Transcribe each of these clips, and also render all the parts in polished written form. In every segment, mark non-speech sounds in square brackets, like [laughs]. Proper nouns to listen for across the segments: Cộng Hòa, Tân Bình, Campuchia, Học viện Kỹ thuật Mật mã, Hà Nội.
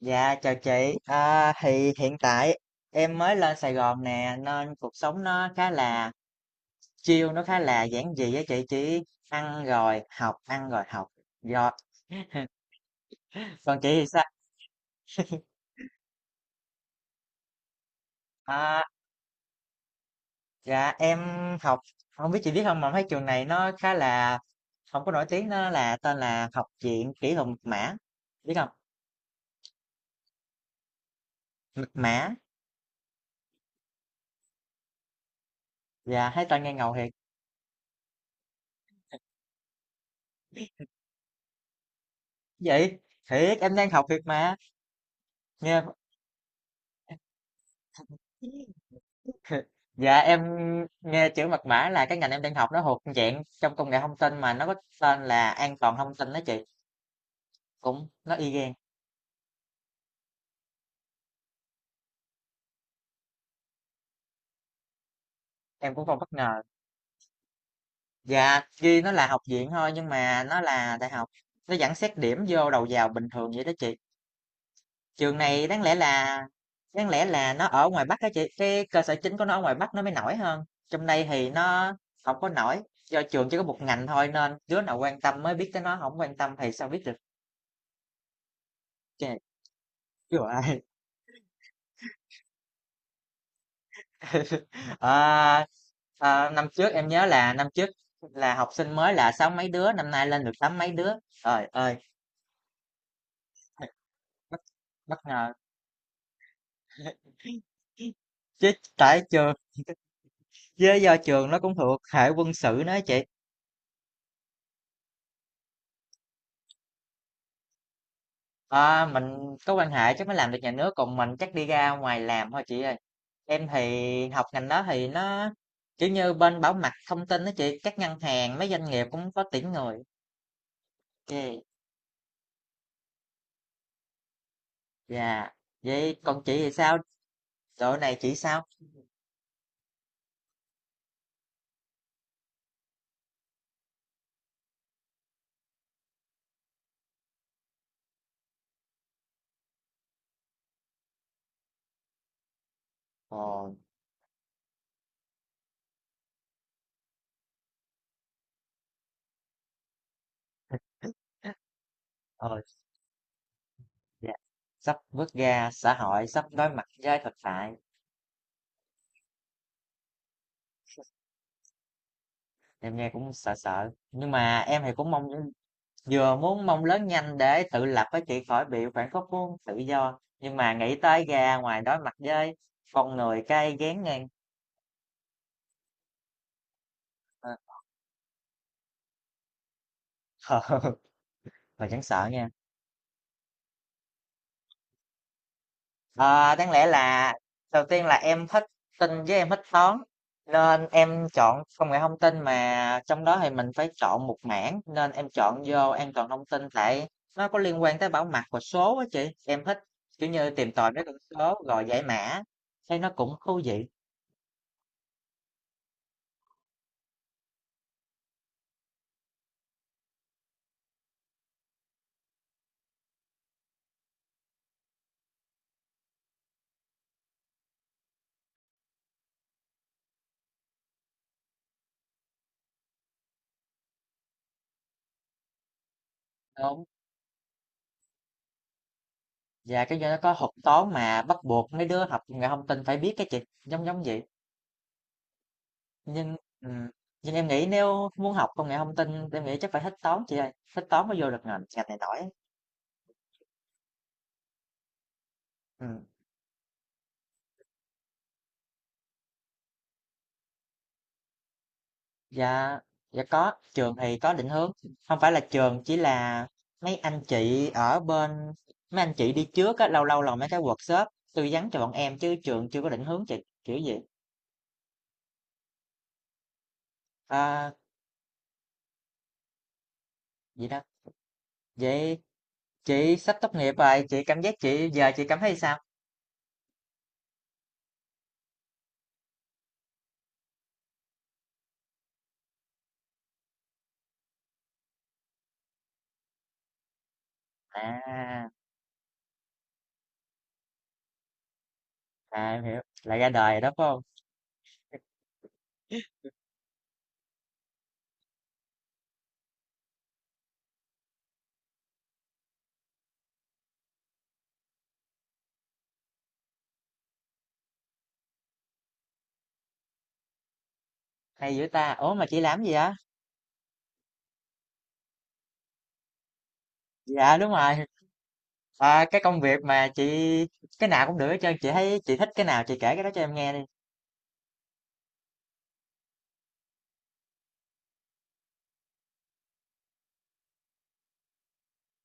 Dạ chào chị, à, thì hiện tại em mới lên Sài Gòn nè nên cuộc sống nó khá là chill, nó khá là giản dị á chị, chỉ ăn rồi học, ăn rồi học. Rồi. [laughs] Còn chị thì sao? [laughs] À, dạ em học, không biết chị biết không mà mấy trường này nó khá là không có nổi tiếng, nó là tên là Học viện Kỹ thuật Mật mã, biết không? Mật mã, dạ thấy tên nghe ngầu thiệt. Vậy, thiệt em đang học thiệt mà, nghe [laughs] Dạ, em nghe chữ mật mã là cái ngành em đang học, nó thuộc dạng trong công nghệ thông tin mà nó có tên là an toàn thông tin đó chị, cũng nó y gan. Em cũng không bất ngờ. Dạ, ghi nó là học viện thôi nhưng mà nó là đại học, nó vẫn xét điểm vô đầu vào bình thường vậy đó chị. Trường này đáng lẽ là nó ở ngoài Bắc đó chị, cái cơ sở chính của nó ở ngoài Bắc, nó mới nổi hơn trong đây thì nó không có nổi. Do trường chỉ có một ngành thôi nên đứa nào quan tâm mới biết tới, nó không quan tâm thì sao biết được chứ, chưa ai. [laughs] Ờ, ờ, năm trước em nhớ là năm trước là học sinh mới là sáu mấy đứa, năm nay lên được tám mấy đứa. Trời ơi, bất, bất ngờ. [laughs] Chứ tại trường, chứ do trường nó cũng thuộc hệ quân sự nữa chị. Ờ, mình có quan hệ chắc mới làm được nhà nước, còn mình chắc đi ra ngoài làm thôi chị ơi. Em thì học ngành đó thì nó kiểu như bên bảo mật thông tin đó chị, các ngân hàng, mấy doanh nghiệp cũng có tuyển người. Chị. Dạ. Vậy còn chị thì sao? Dạo này chị sao? Ồ, ờ, dạ. Sắp bước ra xã hội, sắp đối mặt với thực tại. Em nghe cũng sợ sợ. Nhưng mà em thì cũng mong vừa muốn mong lớn nhanh để tự lập với chị khỏi bị khoảng khúc của tự do. Nhưng mà nghĩ tới ra ngoài đối mặt với con người cay ghén ngang. Ờ, [laughs] mà chẳng sợ nha. Ờ, đáng lẽ là đầu tiên là em thích tin với em thích toán nên em chọn công nghệ thông tin mà trong đó thì mình phải chọn một mảng nên em chọn vô an toàn thông tin tại nó có liên quan tới bảo mật và số á chị, em thích kiểu như tìm tòi mấy con số rồi giải mã thấy nó cũng thú vị. Đúng. Và cái do nó có học toán mà bắt buộc mấy đứa học công nghệ thông tin phải biết cái chị, giống giống vậy. Nhưng ừ, nhưng em nghĩ nếu muốn học công nghệ thông tin em nghĩ chắc phải thích toán chị ơi, thích toán mới vô được ngành ngành này nổi. Ừm, dạ dạ có, trường thì có định hướng. Không phải là trường, chỉ là mấy anh chị ở bên mấy anh chị đi trước á, lâu lâu là mấy cái workshop tư vấn cho bọn em, chứ trường chưa có định hướng chị, kiểu gì. Ờ, vậy đó. Vậy chị sắp tốt nghiệp rồi, chị giờ chị cảm thấy sao? À, à, em hiểu, là ra đời rồi đó, phải hông? Hay dữ ta! Ủa, mà chị làm gì vậy? Dạ, đúng rồi, ờ, cái công việc mà chị cái nào cũng được hết trơn, chị thấy chị thích cái nào chị kể cái đó cho em nghe đi.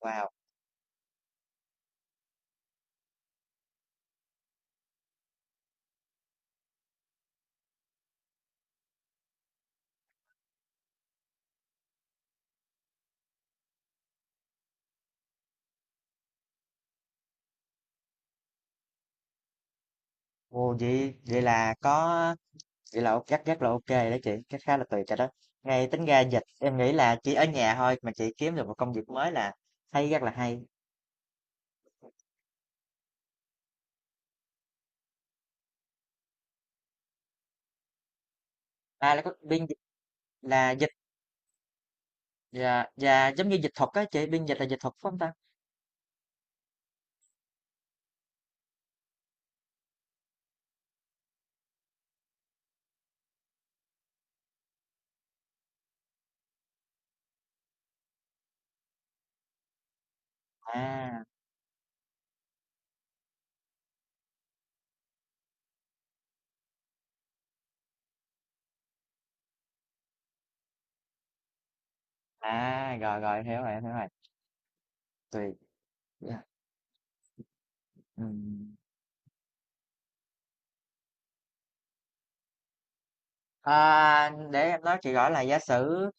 Wow! Ồ, vậy vậy là có, vậy là ok- chắc chắc là ok đó chị, cái khá là tuyệt rồi đó. Ngay tính ra dịch em nghĩ là chỉ ở nhà thôi mà chị kiếm được một công việc mới là hay, rất là hay. À, là có biên dịch là là giống như dịch thuật á chị, biên dịch là dịch thuật phải không ta? À à rồi rồi, hiểu rồi em hiểu rồi. Tùy. Dạ, ừ. À, để em nói chị rõ là giả sử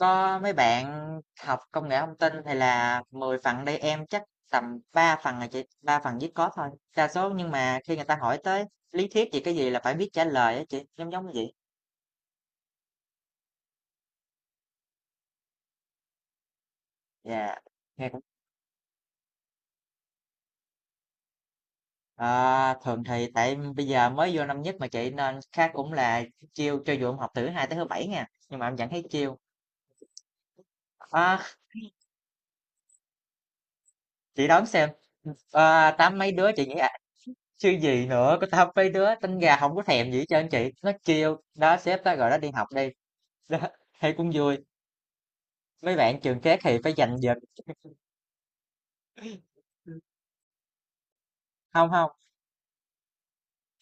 có mấy bạn học công nghệ thông tin thì là 10 phần đây, em chắc tầm 3 phần là chị, 3 phần viết code thôi đa số, nhưng mà khi người ta hỏi tới lý thuyết gì cái gì là phải biết trả lời á chị, giống giống như vậy. Dạ, nghe cũng à, thường thì tại bây giờ mới vô năm nhất mà chị nên khác cũng là chiêu. Cho dù em học từ thứ 2 tới thứ 7 nha nhưng mà em vẫn thấy chiêu. À, chị đoán xem. À, tám mấy đứa chị nghĩ chứ gì nữa, có tao mấy đứa tính gà không có thèm gì hết trơn chị, nó kêu đó sếp đó gọi nó đi học đi. Đó, thấy cũng vui, mấy bạn trường khác thì phải dành giờ. Không không,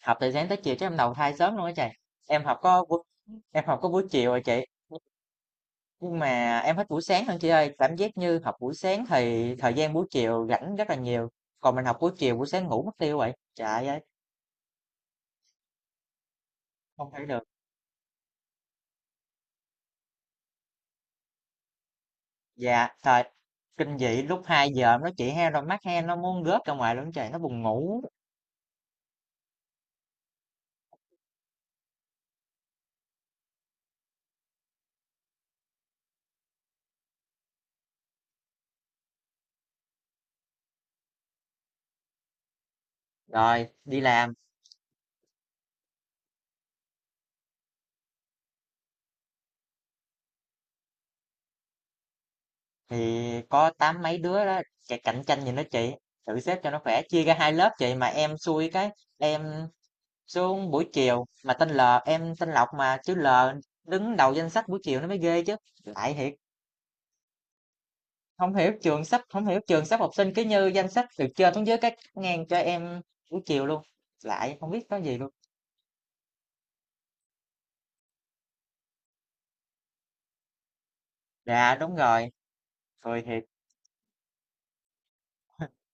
học từ sáng tới chiều chứ em đầu thai sớm luôn á chị, em học có buổi- em học có buổi chiều rồi chị. Nhưng mà em thích buổi sáng hơn chị ơi, cảm giác như học buổi sáng thì thời gian buổi chiều rảnh rất là nhiều, còn mình học buổi chiều buổi sáng ngủ mất tiêu vậy trời ơi, không thể được. Dạ, thời kinh dị lúc 2 giờ nó chị heo rồi, mắt heo nó muốn rớt ra ngoài luôn trời, nó buồn ngủ. Rồi, đi làm thì có tám mấy đứa đó chạy cạnh tranh gì nữa chị. Thử xếp cho nó khỏe, chia ra hai lớp chị mà em xui, cái em xuống buổi chiều, mà tên L, em tên Lộc mà chứ L đứng đầu danh sách buổi chiều nó mới ghê chứ. Lại thiệt, không hiểu trường sắp học sinh cứ như danh sách từ trên xuống dưới cái ngang cho em buổi chiều luôn. Lại không biết có gì luôn. Dạ đúng rồi, rồi thiệt. [laughs]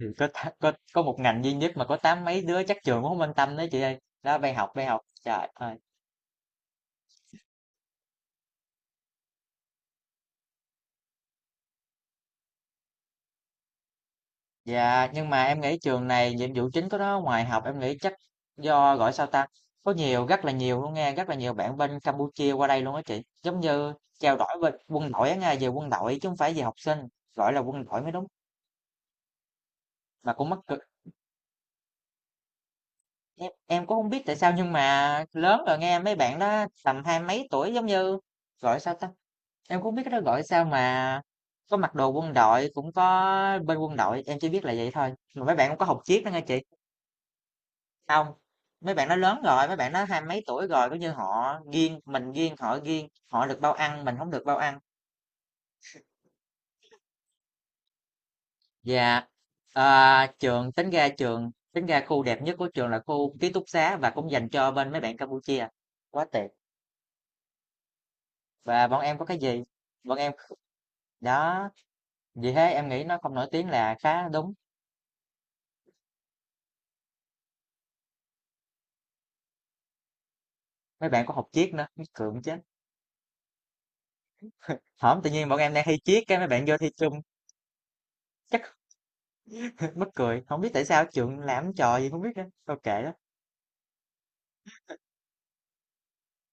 Thì có, có một ngành duy nhất mà có tám mấy đứa chắc trường cũng không quan tâm đấy chị ơi. Đó bay học bay học. Trời ơi. Dạ, nhưng mà em nghĩ trường này nhiệm vụ chính của nó ngoài học em nghĩ chắc do gọi sao ta, có nhiều rất là nhiều luôn, nghe rất là nhiều bạn bên Campuchia qua đây luôn á chị, giống như trao đổi với quân đội á, nghe về quân đội chứ không phải về học sinh, gọi là quân đội mới đúng, mà cũng mắc cực. Em cũng không biết tại sao, nhưng mà lớn rồi nghe mấy bạn đó tầm hai mấy tuổi giống như gọi sao ta, em cũng không biết cái đó gọi sao mà có mặc đồ quân đội cũng có, bên quân đội em chỉ biết là vậy thôi, mà mấy bạn cũng có học chiếc đó nghe chị. Hông, mấy bạn nó lớn rồi, mấy bạn nó hai mấy tuổi rồi, kiểu như, họ kiêng, mình kiêng, họ được bao ăn, mình không được bao ăn. Và, trường tính ra khu đẹp nhất của trường là khu ký túc xá và cũng dành cho bên mấy bạn Campuchia, quá tuyệt. Và bọn em có cái gì bọn em đó, vì thế em nghĩ nó không nổi tiếng là khá đúng. Mấy bạn có học Triết nữa, mắc cười muốn chết. Hổng, tự nhiên bọn em đang thi Triết cái mấy bạn vô thi chung, chắc [laughs] mắc cười, không biết tại sao trường làm trò gì không biết nữa, thôi kệ đó.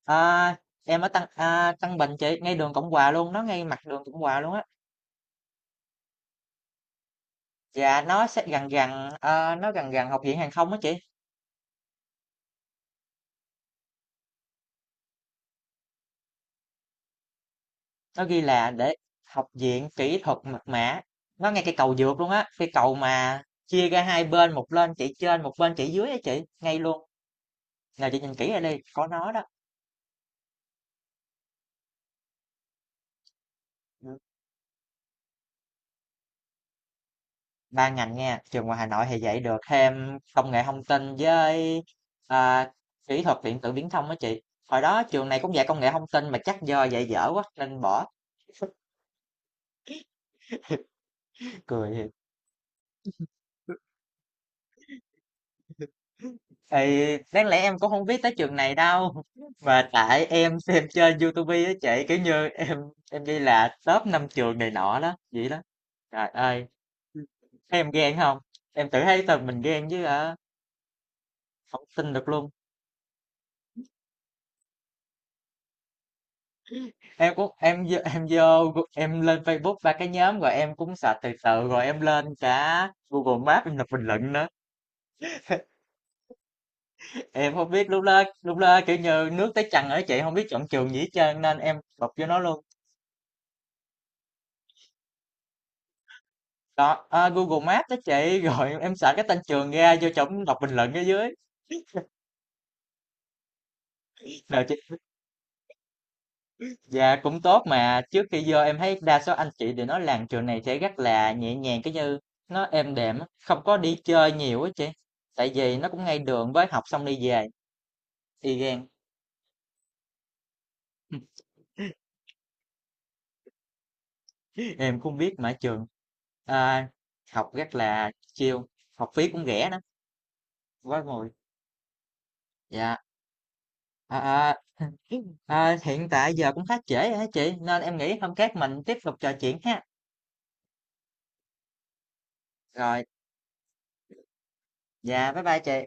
À, em ở Tân Bình chị, ngay đường Cộng Hòa luôn, nó ngay mặt đường Cộng Hòa luôn á. Dạ, nó gần gần học viện hàng không á chị. Nó ghi là để học viện kỹ thuật mật mã, nó ngay cái cầu vượt luôn á, cái cầu mà chia ra hai bên, một bên chị trên một bên chị dưới á chị, ngay luôn nào chị nhìn kỹ ra đi có nó đó. Ừ. Ba ngành nha, trường ngoài Hà Nội thì dạy được thêm công nghệ thông tin với à, kỹ thuật điện tử viễn thông đó chị. Hồi đó trường này cũng dạy công nghệ thông tin mà chắc do dạy dở quá nên bỏ, cười thiệt. Thì đáng lẽ em cũng không biết tới trường này đâu, mà tại em xem trên YouTube á chị, kiểu như em ghi là top 5 trường này nọ đó vậy đó. Trời ơi, thấy em ghen không, em tự thấy tụi mình ghen chứ hả, không tin được luôn. Em cũng em lên Facebook ba cái nhóm, rồi em cũng search từ từ rồi em lên cả Google Maps em đọc bình luận nữa. Em không biết lúc đó kiểu như nước tới chân ở chị, không biết chọn trường gì hết trơn nên em bập vô nó luôn. Đó à, Google Maps đó chị, rồi em search cái tên trường ra vô trong đọc bình luận ở dưới. Rồi chị, dạ cũng tốt mà trước khi vô em thấy đa số anh chị đều nói làm trường này sẽ rất là nhẹ nhàng cái như nó êm đềm á, không có đi chơi nhiều á chị, tại vì nó cũng ngay đường với học xong đi về y gan. [laughs] Em cũng biết mà trường à, học rất là chill, học phí cũng rẻ lắm, quá ngồi. Dạ. À, [laughs] Hiện tại giờ cũng khá trễ rồi hả chị, nên em nghĩ hôm khác mình tiếp tục trò chuyện ha. Rồi, dạ bye bye chị.